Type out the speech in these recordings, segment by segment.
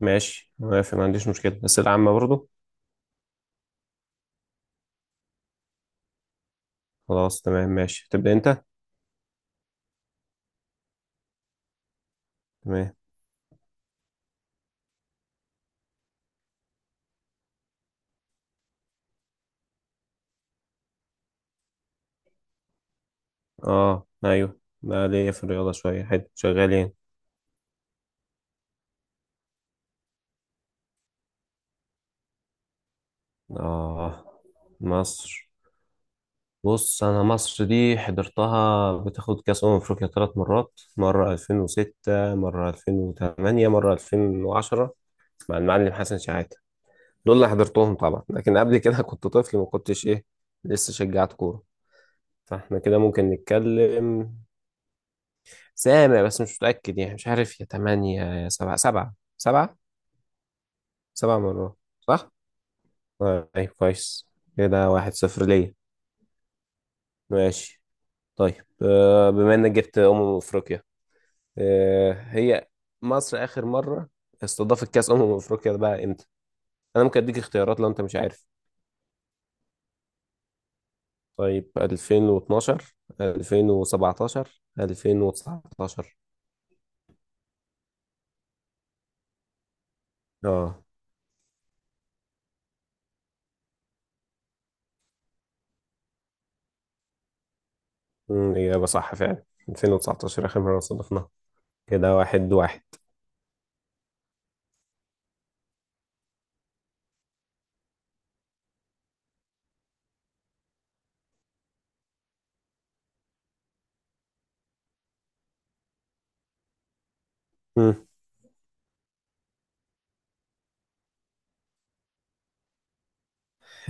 ماشي، موافق، ما عنديش مشكلة. أسئلة عامة برضو خلاص، تمام ماشي، تبدأ أنت. تمام. أيوه، بقى ليا في الرياضة شوية حلو شغالين. آه، مصر. بص، أنا مصر دي حضرتها بتاخد كأس أمم أفريقيا ثلاث مرات، مرة 2006 مرة 2008 مرة 2010، مع المعلم حسن شحاتة. دول اللي حضرتهم طبعا، لكن قبل كده كنت طفل، ما كنتش إيه، لسه شجعت كورة. فاحنا كده ممكن نتكلم، سامع بس مش متأكد، يعني مش عارف، يا تمانية يا سبعة سبعة سبعة. سبع مرات صح؟ طيب كويس، كده واحد صفر ليا. ماشي. طيب بما انك جبت أمم أفريقيا، هي مصر آخر مرة استضافت كأس أمم أفريقيا ده بقى امتى؟ أنا ممكن أديك اختيارات لو أنت مش عارف. طيب 2012 2017 2019. اه. إجابة صح فعلا، 2019 آخر مرة استضفناها. كده واحد واحد.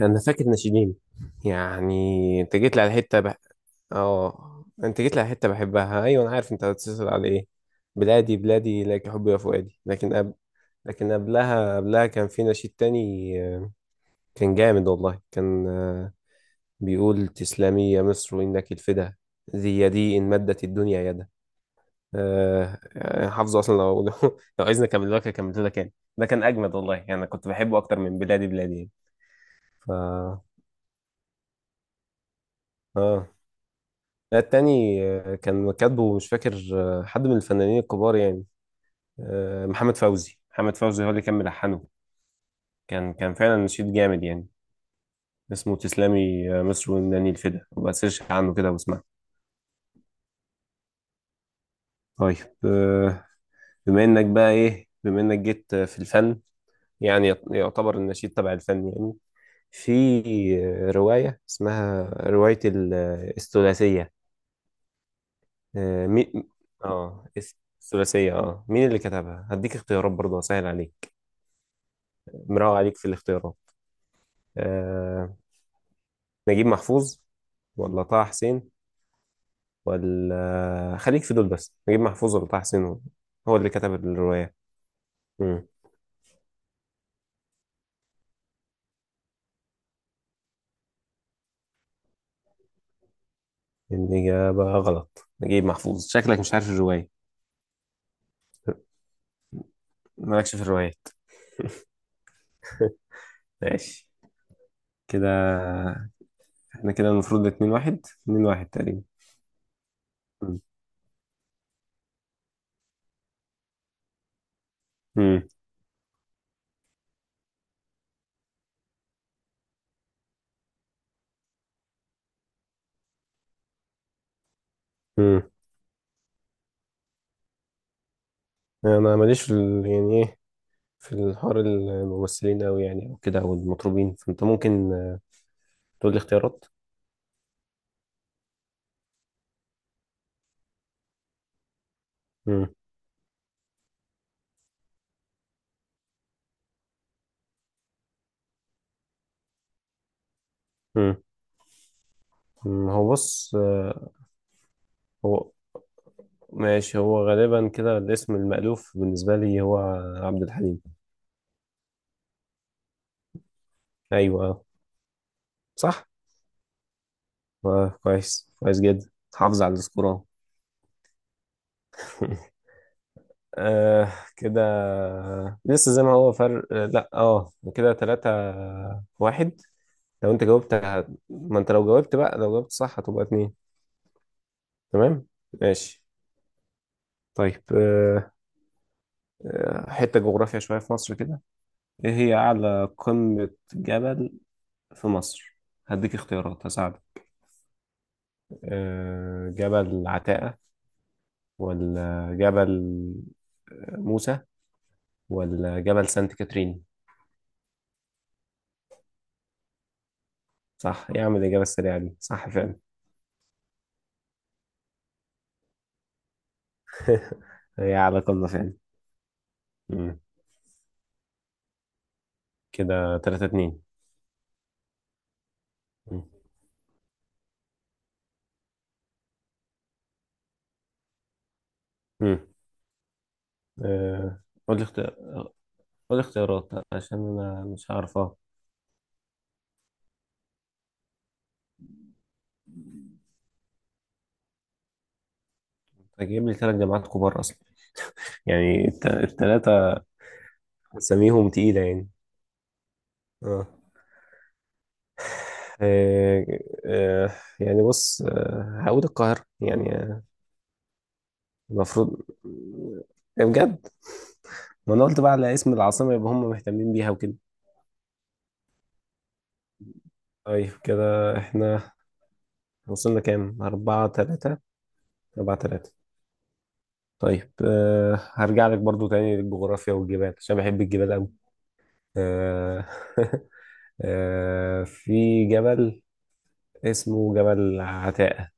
انا فاكر ناشئين يعني. انت جيت لي على حته بح... اه انت جيت لي على حته بحبها، ايوه انا عارف انت هتتصل على ايه. بلادي بلادي لك حبي يا فؤادي، لكن قبل، لكن قبلها كان في نشيد تاني. آه، كان جامد والله، كان بيقول تسلمي يا مصر انك الفدا، ذي يدي ان مدت الدنيا يدا. حافظه اصلا لو لو عايزني اكمل لك اكمل لك، يعني ده كان اجمد والله، يعني انا كنت بحبه اكتر من بلادي بلادي يعني. ف اه، لا التاني كان كاتبه مش فاكر، حد من الفنانين الكبار يعني. محمد فوزي هو اللي كان ملحنه. كان فعلا نشيد جامد يعني. اسمه تسلمي مصر وناني الفدا، وبقى سيرش عنه كده واسمع. طيب آه، بما انك جيت في الفن، يعني يعتبر النشيد تبع الفن يعني. في رواية اسمها رواية ال- آه، الثلاثية. آه، مي... اه الثلاثية، اه مين اللي كتبها؟ هديك اختيارات برضه اسهل عليك، مراوغ عليك في الاختيارات. آه، نجيب محفوظ ولا طه حسين، ولا خليك في دول بس، نجيب محفوظ ولا طه حسين هو اللي كتب الرواية؟ مم. الإجابة غلط، نجيب محفوظ. شكلك مش عارف الرواية، مالكش في الروايات. ماشي. كده احنا المفروض اتنين واحد، اتنين واحد تقريبا. مم. مم. مم. انا ماليش في يعني ايه، في الحوار الممثلين اوي يعني، او كده او المطربين، فانت ممكن تقول لي اختيارات. مم. مم. مم. هو بص هو ماشي، هو غالبا كده الاسم المألوف بالنسبة لي هو عبد الحليم. أيوة آه. صح، آه كويس كويس جدا، حافظ على السكور أهو. آه كده، لسه زي ما هو، فرق آه، لا اه كده تلاتة واحد. لو انت جاوبت ما انت لو جاوبت بقى، لو جاوبت صح هتبقى اتنين. تمام، ماشي. طيب آه، حتة جغرافيا شوية في مصر كده. ايه هي أعلى قمة جبل في مصر؟ هديك اختيارات هساعدك. جبل عتاقة، ولا جبل موسى، ولا جبل سانت كاترين؟ صح، إيه يا عم الإجابة السريعة دي، صح فعلا. هي على قولنا فعلا. مم. كده تلاتة اتنين. مم. مم. آه، قول لي اختيار، قول لي اختيارات عشان أنا مش هعرفها. أنت جايب لي تلات جامعات كبار أصلا، يعني التلاتة أساميهم تقيلة يعني. اه. آه، آه، يعني بص هقول القاهرة يعني، المفروض. بجد، ما انا قلت بقى على اسم العاصمة، يبقى هم مهتمين بيها وكده. طيب كده احنا وصلنا كام؟ أربعة تلاتة. أربعة تلاتة. طيب أه، هرجع لك برضو تاني للجغرافيا والجبال عشان بحب الجبال أوي. أه. أه، في جبل اسمه جبل عتاقة،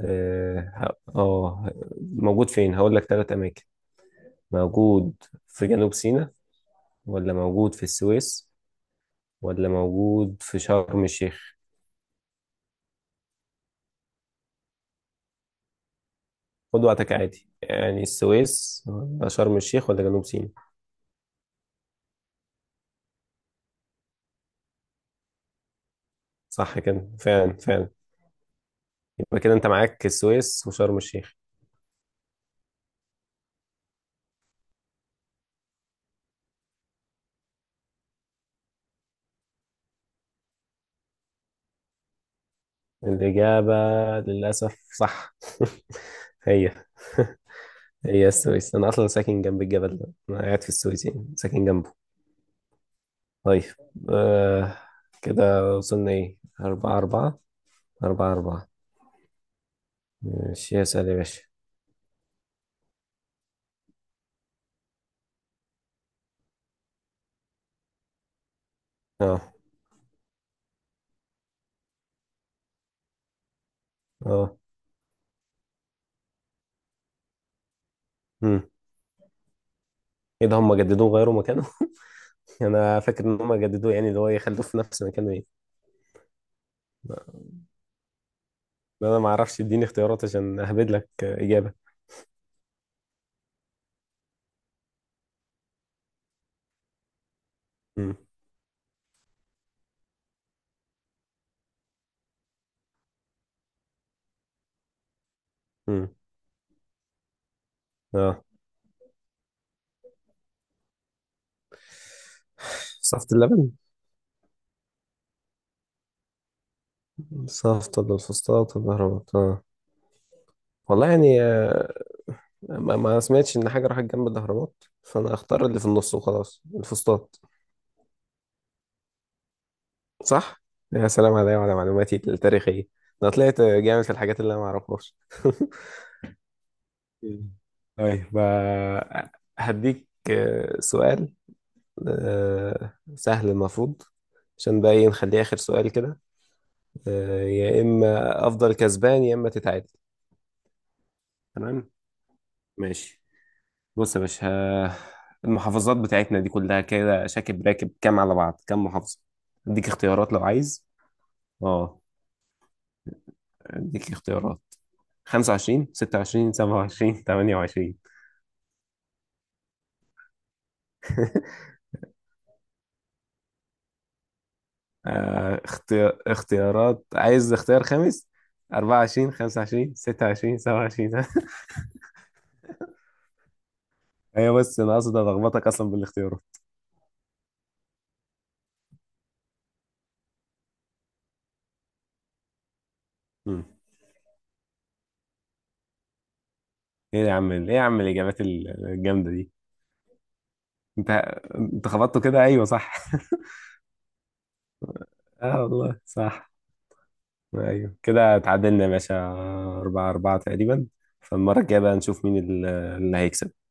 اه موجود فين؟ هقول لك تلات أماكن. موجود في جنوب سيناء، ولا موجود في السويس، ولا موجود في شرم الشيخ؟ خد وقتك عادي، يعني السويس ولا شرم الشيخ ولا جنوب سيناء. صح كده فعلا فعلا. يبقى كده انت معاك السويس وشرم الشيخ. الإجابة للأسف صح. هي هي السويس، أنا أصلا ساكن جنب الجبل ده، أنا قاعد في السويس يعني، ساكن جنبه. طيب آه، كده وصلنا إيه، أربعة أربعة. أربعة أربعة. ماشي اسأل يا باشا. أه. أه. مم. إيه ده هم جددوه غيروا مكانه؟ أنا فاكر إن هم جددوه يعني، اللي هو يخلوه في نفس مكانه إيه. لا انا ما اعرفش، اديني اختيارات عشان اهبد لك اجابه. امم. امم. اه، صفت اللبن، صفت ولا الفسطاط ولا الاهرامات؟ اه والله يعني ما سمعتش ان حاجه راحت جنب الاهرامات، فانا اختار اللي في النص وخلاص، الفسطاط. صح، يا سلام عليا وعلى معلوماتي التاريخيه، انا طلعت جامد في الحاجات اللي انا ما اعرفهاش. مم. طيب هديك سؤال سهل المفروض، عشان بقى إيه، نخليه اخر سؤال كده. يا اما افضل كسبان يا اما تتعادل. تمام، ماشي. بص يا باشا المحافظات بتاعتنا دي كلها كده شاكب راكب كام على بعض، كام محافظة؟ اديك اختيارات لو عايز. اه اديك اختيارات: 25 26 27 28. اختيارات، عايز اختيار خامس، 24 25 26 27. هي بس انا اقصد الخبطك اصلا بالاختيارات. مم. ايه يا عم، ايه يا عم الاجابات الجامده دي، انت انت خبطته كده، ايوه صح. اه والله صح، ايوه كده اتعادلنا يا باشا، أربعة أربعة تقريبا. فالمرة الجاية بقى نشوف مين اللي هيكسب.